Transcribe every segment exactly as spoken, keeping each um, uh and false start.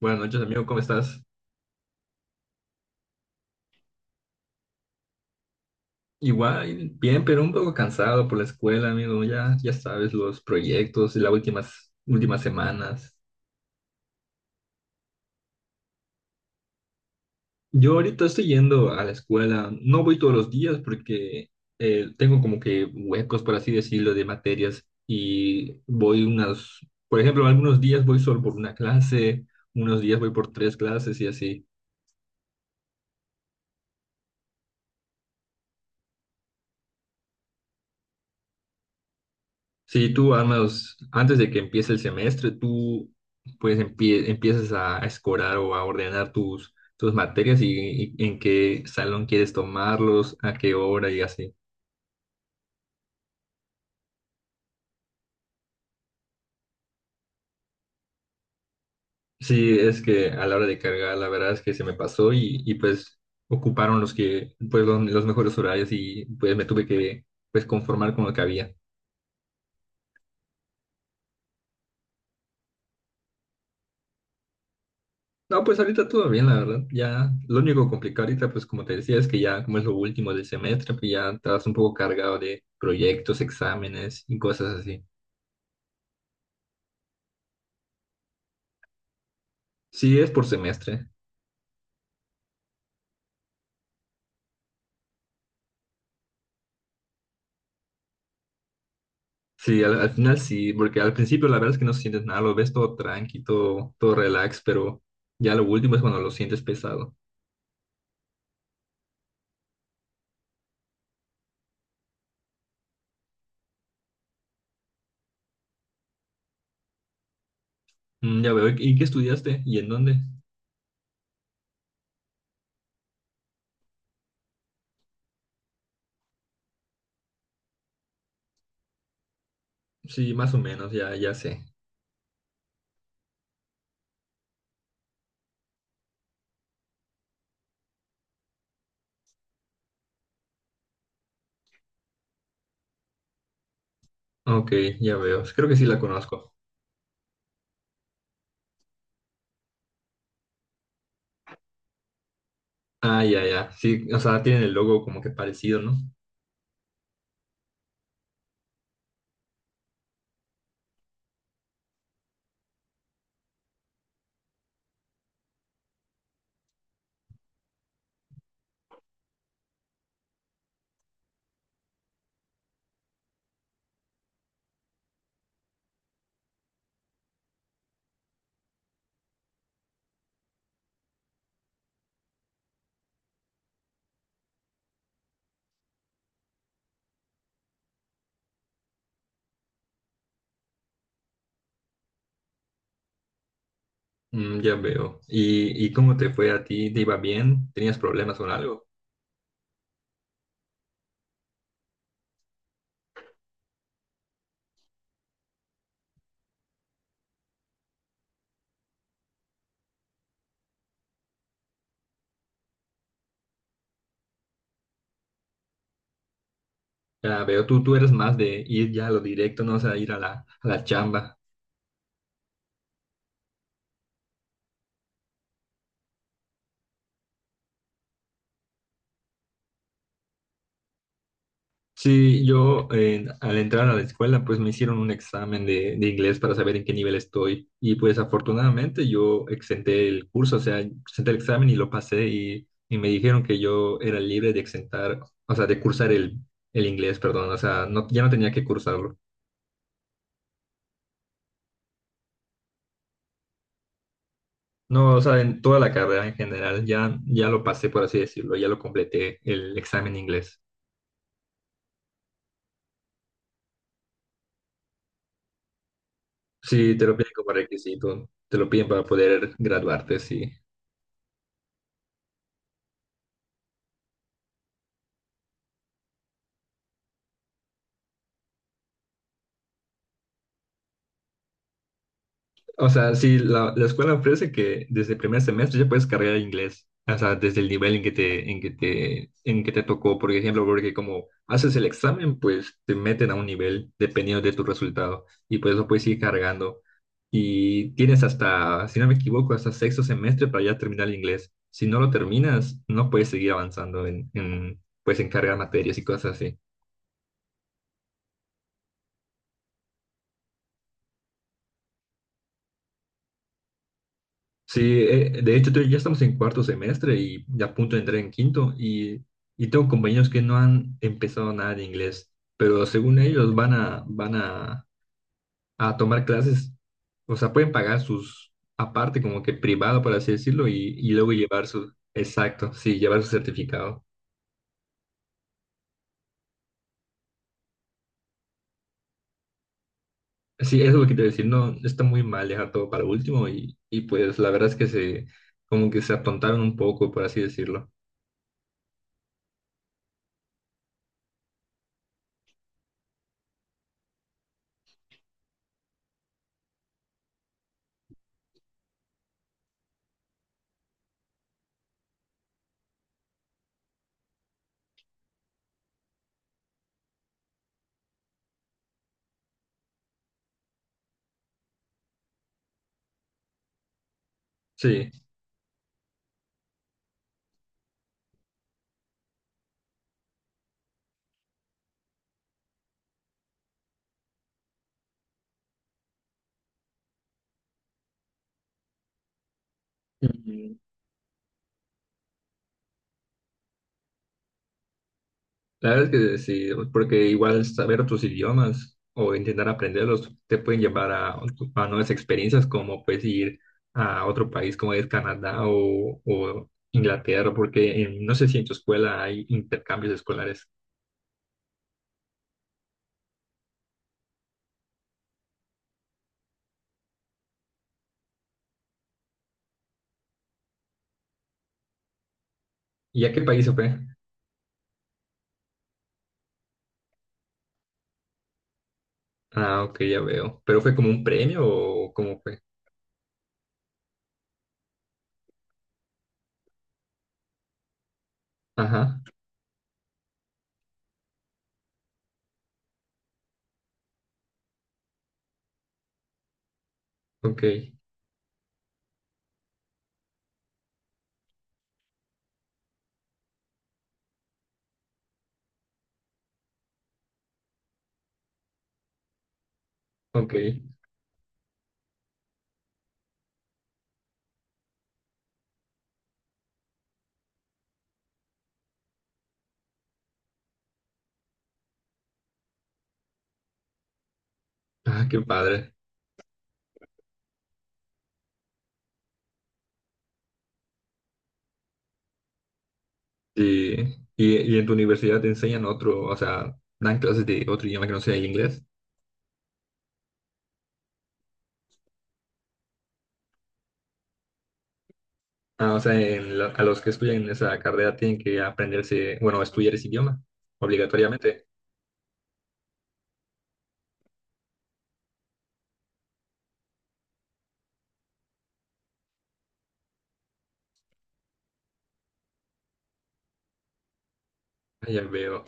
Buenas noches, amigo, ¿cómo estás? Igual, bien, pero un poco cansado por la escuela, amigo. Ya, ya sabes, los proyectos y las últimas, últimas semanas. Yo ahorita estoy yendo a la escuela. No voy todos los días porque eh, tengo como que huecos, por así decirlo, de materias. Y voy unas, por ejemplo, algunos días voy solo por una clase, unos días voy por tres clases y así. Sí, tú al menos antes de que empiece el semestre, tú pues empie- empiezas a escorar o a ordenar tus, tus materias y, y en qué salón quieres tomarlos, a qué hora y así. Sí, es que a la hora de cargar, la verdad es que se me pasó y, y, pues ocuparon los que, pues los, los mejores horarios y pues me tuve que pues conformar con lo que había. No, pues ahorita todo bien, la verdad. Ya, lo único complicado ahorita, pues como te decía, es que ya como es lo último del semestre, pues ya estás un poco cargado de proyectos, exámenes y cosas así. Sí, es por semestre. Sí, al, al final sí, porque al principio la verdad es que no sientes nada, lo ves todo tranqui, todo, todo relax, pero ya lo último es cuando lo sientes pesado. Mm, ya veo. ¿Y qué estudiaste? ¿Y en dónde? Sí, más o menos, ya, ya sé. Ok, ya veo. Creo que sí la conozco. Ah, ya, ya. Sí, o sea, tienen el logo como que parecido, ¿no? Mm, ya veo. ¿Y, y cómo te fue a ti? ¿Te iba bien? ¿Tenías problemas con algo? Ya veo, tú, tú eres más de ir ya a lo directo, no, o sea, ir a la, a la chamba. Sí, yo eh, al entrar a la escuela, pues me hicieron un examen de, de inglés para saber en qué nivel estoy. Y pues afortunadamente yo exenté el curso, o sea, exenté el examen y lo pasé y, y me dijeron que yo era libre de exentar, o sea, de cursar el, el inglés, perdón, o sea, no, ya no tenía que cursarlo. No, o sea, en toda la carrera en general, ya, ya lo pasé, por así decirlo, ya lo completé el examen de inglés. Sí, te lo piden como requisito, te lo piden para poder graduarte, sí. O sea, sí, la, la escuela ofrece que desde el primer semestre ya puedes cargar inglés, o sea, desde el nivel en que te, en que te, en que te tocó, por ejemplo, porque como haces el examen, pues te meten a un nivel dependiendo de tu resultado y por eso puedes ir cargando. Y tienes hasta, si no me equivoco, hasta sexto semestre para ya terminar el inglés. Si no lo terminas, no puedes seguir avanzando en, en, pues, en cargar materias y cosas así. Sí, eh, de hecho, te- ya estamos en cuarto semestre y ya a punto de entrar en quinto y, y tengo compañeros que no han empezado nada de inglés, pero según ellos van a, van a, a tomar clases, o sea, pueden pagar sus, aparte como que privado, por así decirlo, y, y luego llevar su, exacto, sí, llevar su certificado. Sí, eso es lo que te voy a decir, no, está muy mal dejar todo para último y, y pues la verdad es que se, como que se atontaron un poco, por así decirlo. Sí. La verdad es que sí, porque igual saber otros idiomas o intentar aprenderlos te pueden llevar a, a nuevas experiencias como pues ir a otro país como es Canadá o, o Inglaterra, porque en- no sé si en tu escuela hay intercambios escolares. ¿Y a qué país se fue? Ah, ok, ya veo. ¿Pero fue como un premio o cómo fue? Ajá, ok, ok. Ah, qué padre. Sí. ¿Y, y en tu universidad te enseñan otro, o sea, dan clases de otro idioma que no sea el inglés? Ah, o sea, en lo- a los que estudian esa carrera tienen que aprenderse, bueno, estudiar ese idioma, obligatoriamente. Ah, ya veo.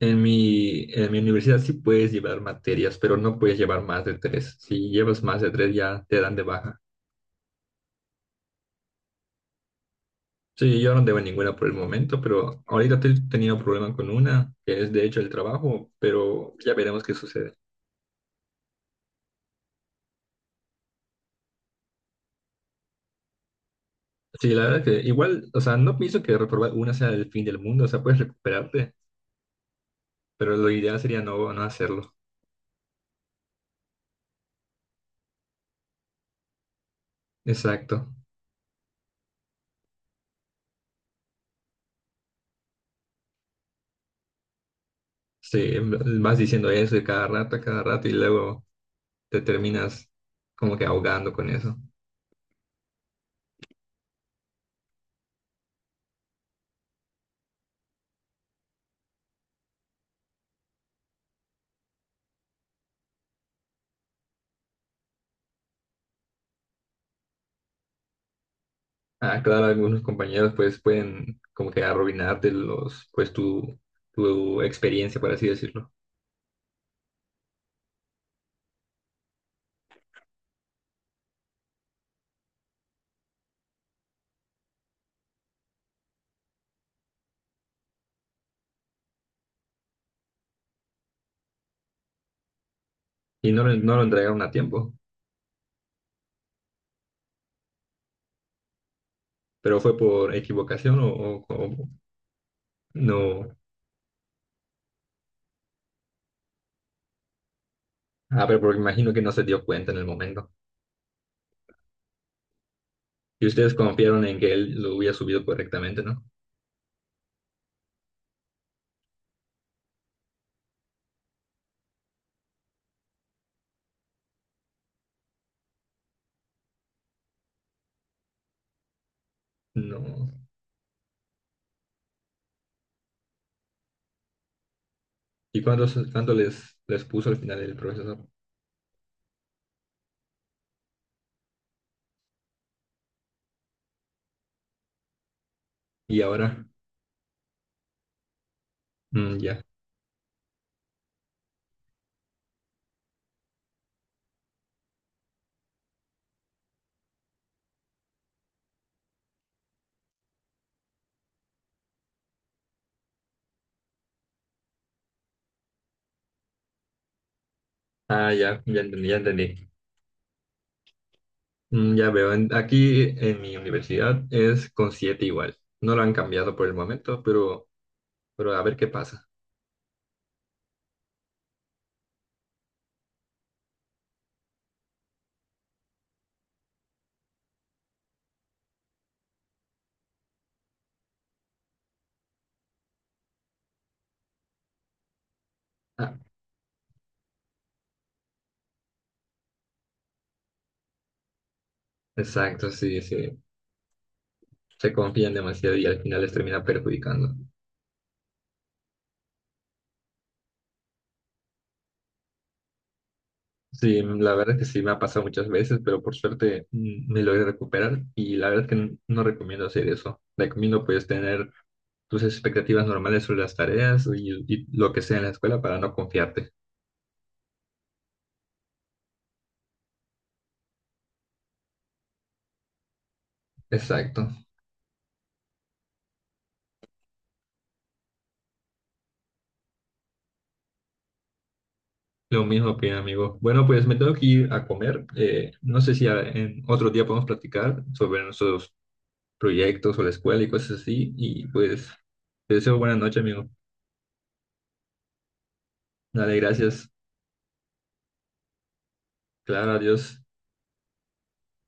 En mi, en mi universidad sí puedes llevar materias, pero no puedes llevar más de tres. Si llevas más de tres ya te dan de baja. Sí, yo no debo ninguna por el momento, pero ahorita estoy teniendo problema con una, que es de hecho el trabajo, pero ya veremos qué sucede. Sí, la verdad que igual, o sea, no pienso que reprobar una sea el fin del mundo, o sea, puedes recuperarte, pero lo ideal sería no, no hacerlo. Exacto. Sí, vas diciendo eso y cada rato, a cada rato y luego te terminas como que ahogando con eso. Ah, claro, algunos compañeros pues pueden como que arruinarte los, pues tu, tu experiencia, por así decirlo. Y no, lo- no lo entregaron a tiempo, pero fue por equivocación o, o- o no. Ah, pero porque imagino que no se dio cuenta en el momento. Y ustedes confiaron en que él lo hubiera subido correctamente, ¿no? No. ¿Y cuántos, cuánto les, les puso al final el profesor? Y ahora, mm, ya. Ah, ya, ya entendí, ya entendí. Mm, ya veo, en- aquí en mi universidad es con siete igual. No lo han cambiado por el momento, pero, pero a ver qué pasa. Ah, exacto, sí, sí. Se confían demasiado y al final les termina perjudicando. Sí, mm, la verdad es que sí me ha pasado muchas veces, pero por suerte mm, me logré recuperar y la verdad es que n- no recomiendo hacer eso. Recomiendo pues tener tus expectativas normales sobre las tareas y, y lo que sea en la escuela para no confiarte. Exacto. Lo mismo opina, amigo. Bueno, pues me tengo que ir a comer. Eh, no sé si a- en otro día podemos platicar sobre nuestros proyectos o la escuela y cosas así. Y pues te deseo buena noche, amigo. Dale, gracias. Claro, adiós.